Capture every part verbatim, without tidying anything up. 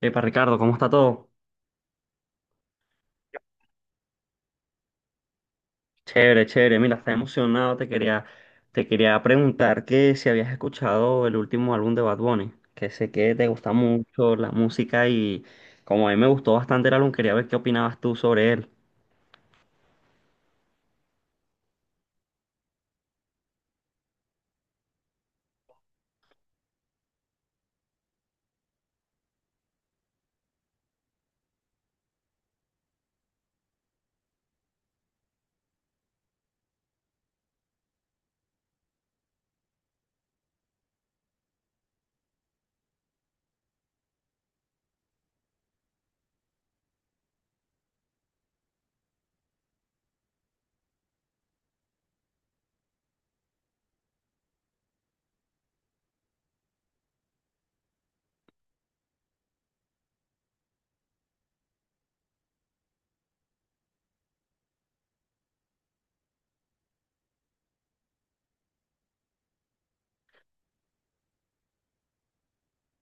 Epa, Ricardo, ¿cómo está todo? Chévere, chévere. Mira, está emocionado. Te quería, te quería preguntar que si habías escuchado el último álbum de Bad Bunny, que sé que te gusta mucho la música y como a mí me gustó bastante el álbum, quería ver qué opinabas tú sobre él.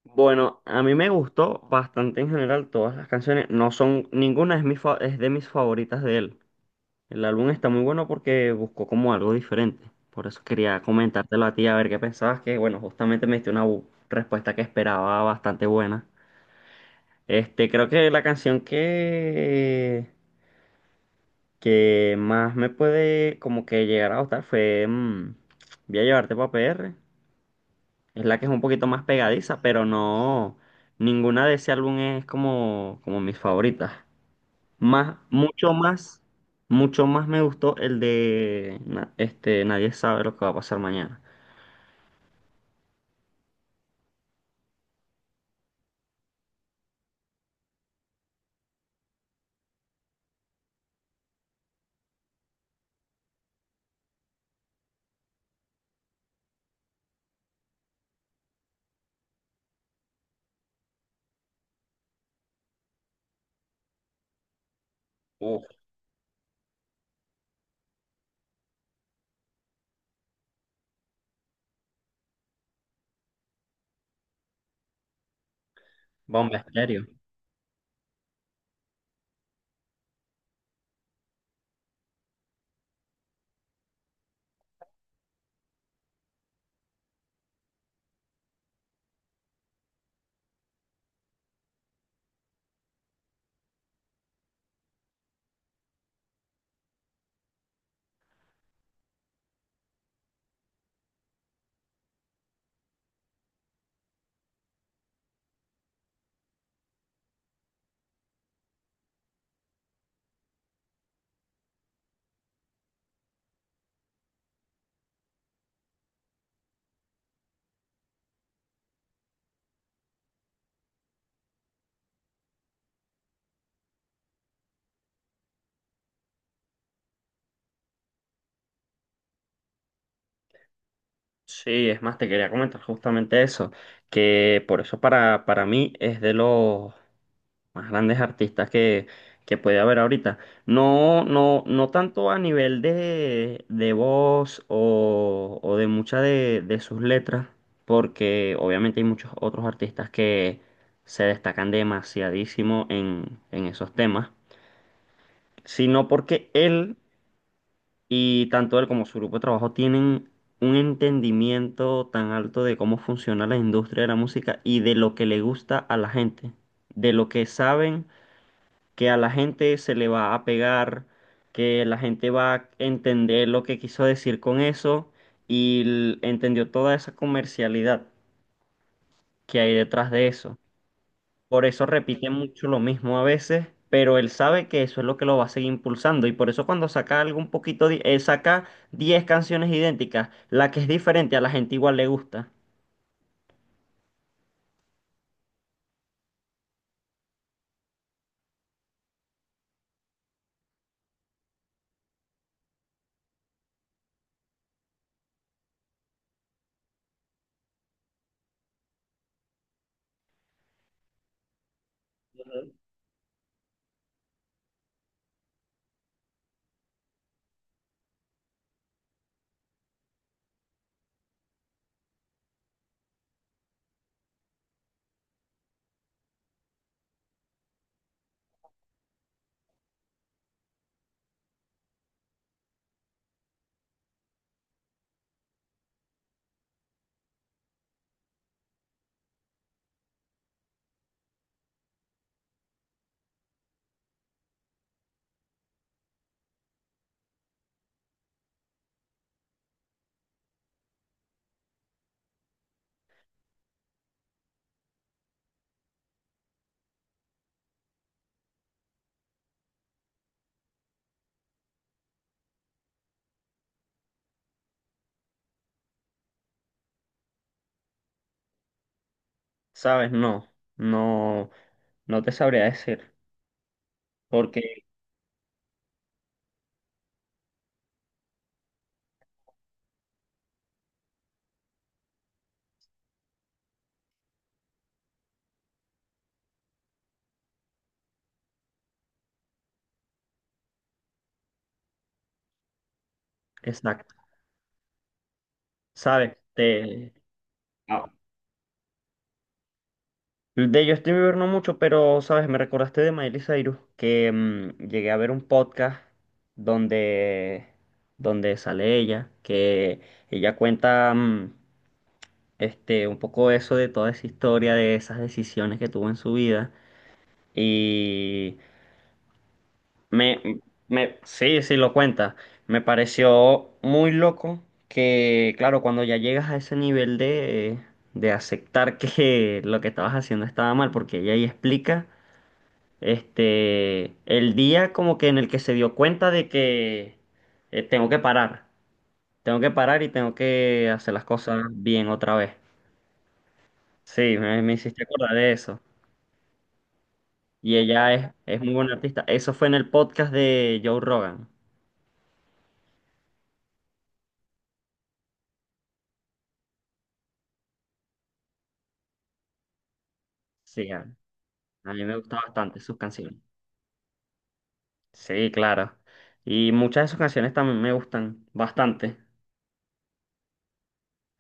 Bueno, a mí me gustó bastante en general todas las canciones. No son, ninguna es mi fa- es de mis favoritas de él. El álbum está muy bueno porque buscó como algo diferente. Por eso quería comentártelo a ti, a ver qué pensabas, que bueno, justamente me diste una bu- respuesta que esperaba bastante buena. Este, creo que la canción que, que más me puede como que llegar a gustar fue mm, Voy a llevarte pa' P R. Es la que es un poquito más pegadiza, pero no, ninguna de ese álbum es como, como mis favoritas. Más, mucho más, mucho más me gustó el de na- este, nadie sabe lo que va a pasar mañana. Uf, bomba estéreo. Sí, es más, te quería comentar justamente eso, que por eso para, para mí es de los más grandes artistas que, que puede haber ahorita. No, no, no tanto a nivel de, de voz o, o de muchas de, de sus letras, porque obviamente hay muchos otros artistas que se destacan demasiadísimo en, en esos temas, sino porque él y tanto él como su grupo de trabajo tienen un entendimiento tan alto de cómo funciona la industria de la música y de lo que le gusta a la gente, de lo que saben que a la gente se le va a pegar, que la gente va a entender lo que quiso decir con eso y l- entendió toda esa comercialidad que hay detrás de eso. Por eso repite mucho lo mismo a veces, pero él sabe que eso es lo que lo va a seguir impulsando y por eso cuando saca algo un poquito, di- eh, saca diez canciones idénticas, la que es diferente a la gente igual le gusta. ¿Sabes? No, no, no te sabría decir, porque, exacto, ¿sabes? Te, de Justin Bieber no mucho, pero, ¿sabes? Me recordaste de Miley Cyrus, que mm, llegué a ver un podcast donde, donde sale ella, que ella cuenta mm, este, un poco eso de toda esa historia, de esas decisiones que tuvo en su vida. Y me, me, sí, sí, lo cuenta. Me pareció muy loco que, claro, cuando ya llegas a ese nivel de, de aceptar que lo que estabas haciendo estaba mal, porque ella ahí explica. Este, el día como que en el que se dio cuenta de que eh, tengo que parar, tengo que parar y tengo que hacer las cosas bien otra vez. Sí, me, me hiciste acordar de eso. Y ella es, es muy buena artista. Eso fue en el podcast de Joe Rogan. Sí, a, a mí me gustan bastante sus canciones. Sí, claro. Y muchas de sus canciones también me gustan bastante.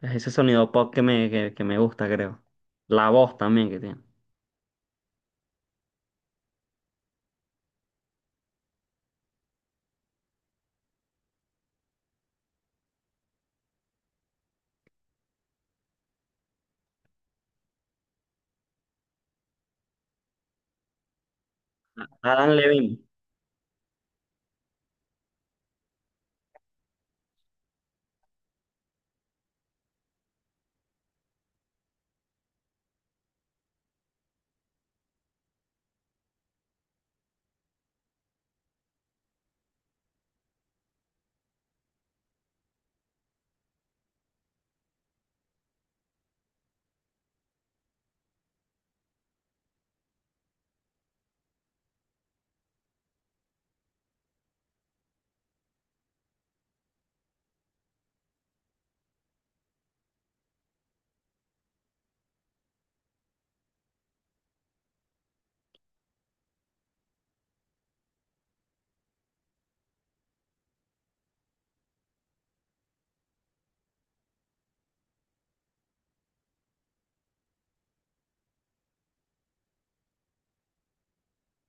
Es ese sonido pop que me, que que me gusta, creo. La voz también que tiene. Adam Levine.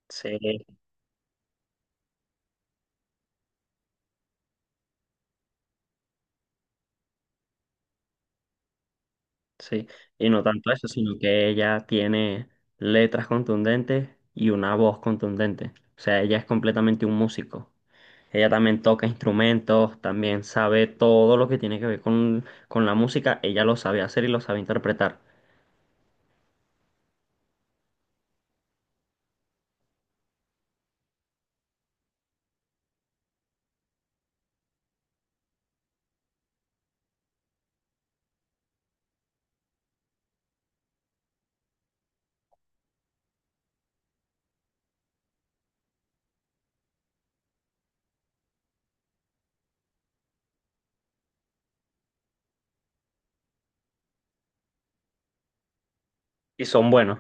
Sí, sí, y no tanto eso, sino que ella tiene letras contundentes y una voz contundente. O sea, ella es completamente un músico. Ella también toca instrumentos, también sabe todo lo que tiene que ver con, con la música. Ella lo sabe hacer y lo sabe interpretar. Y son buenos.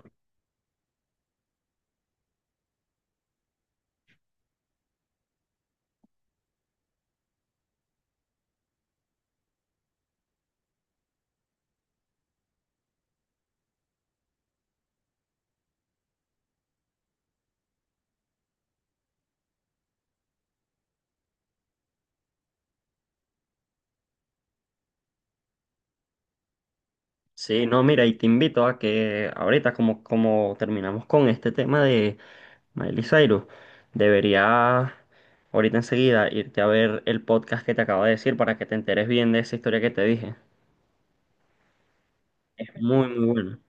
Sí, no, mira, y te invito a que ahorita, como, como terminamos con este tema de Miley Cyrus, deberías ahorita enseguida irte a ver el podcast que te acabo de decir para que te enteres bien de esa historia que te dije. Es muy, muy bueno.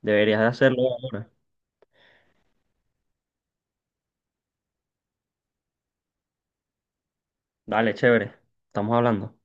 Deberías de hacerlo ahora. Dale, chévere. Estamos hablando.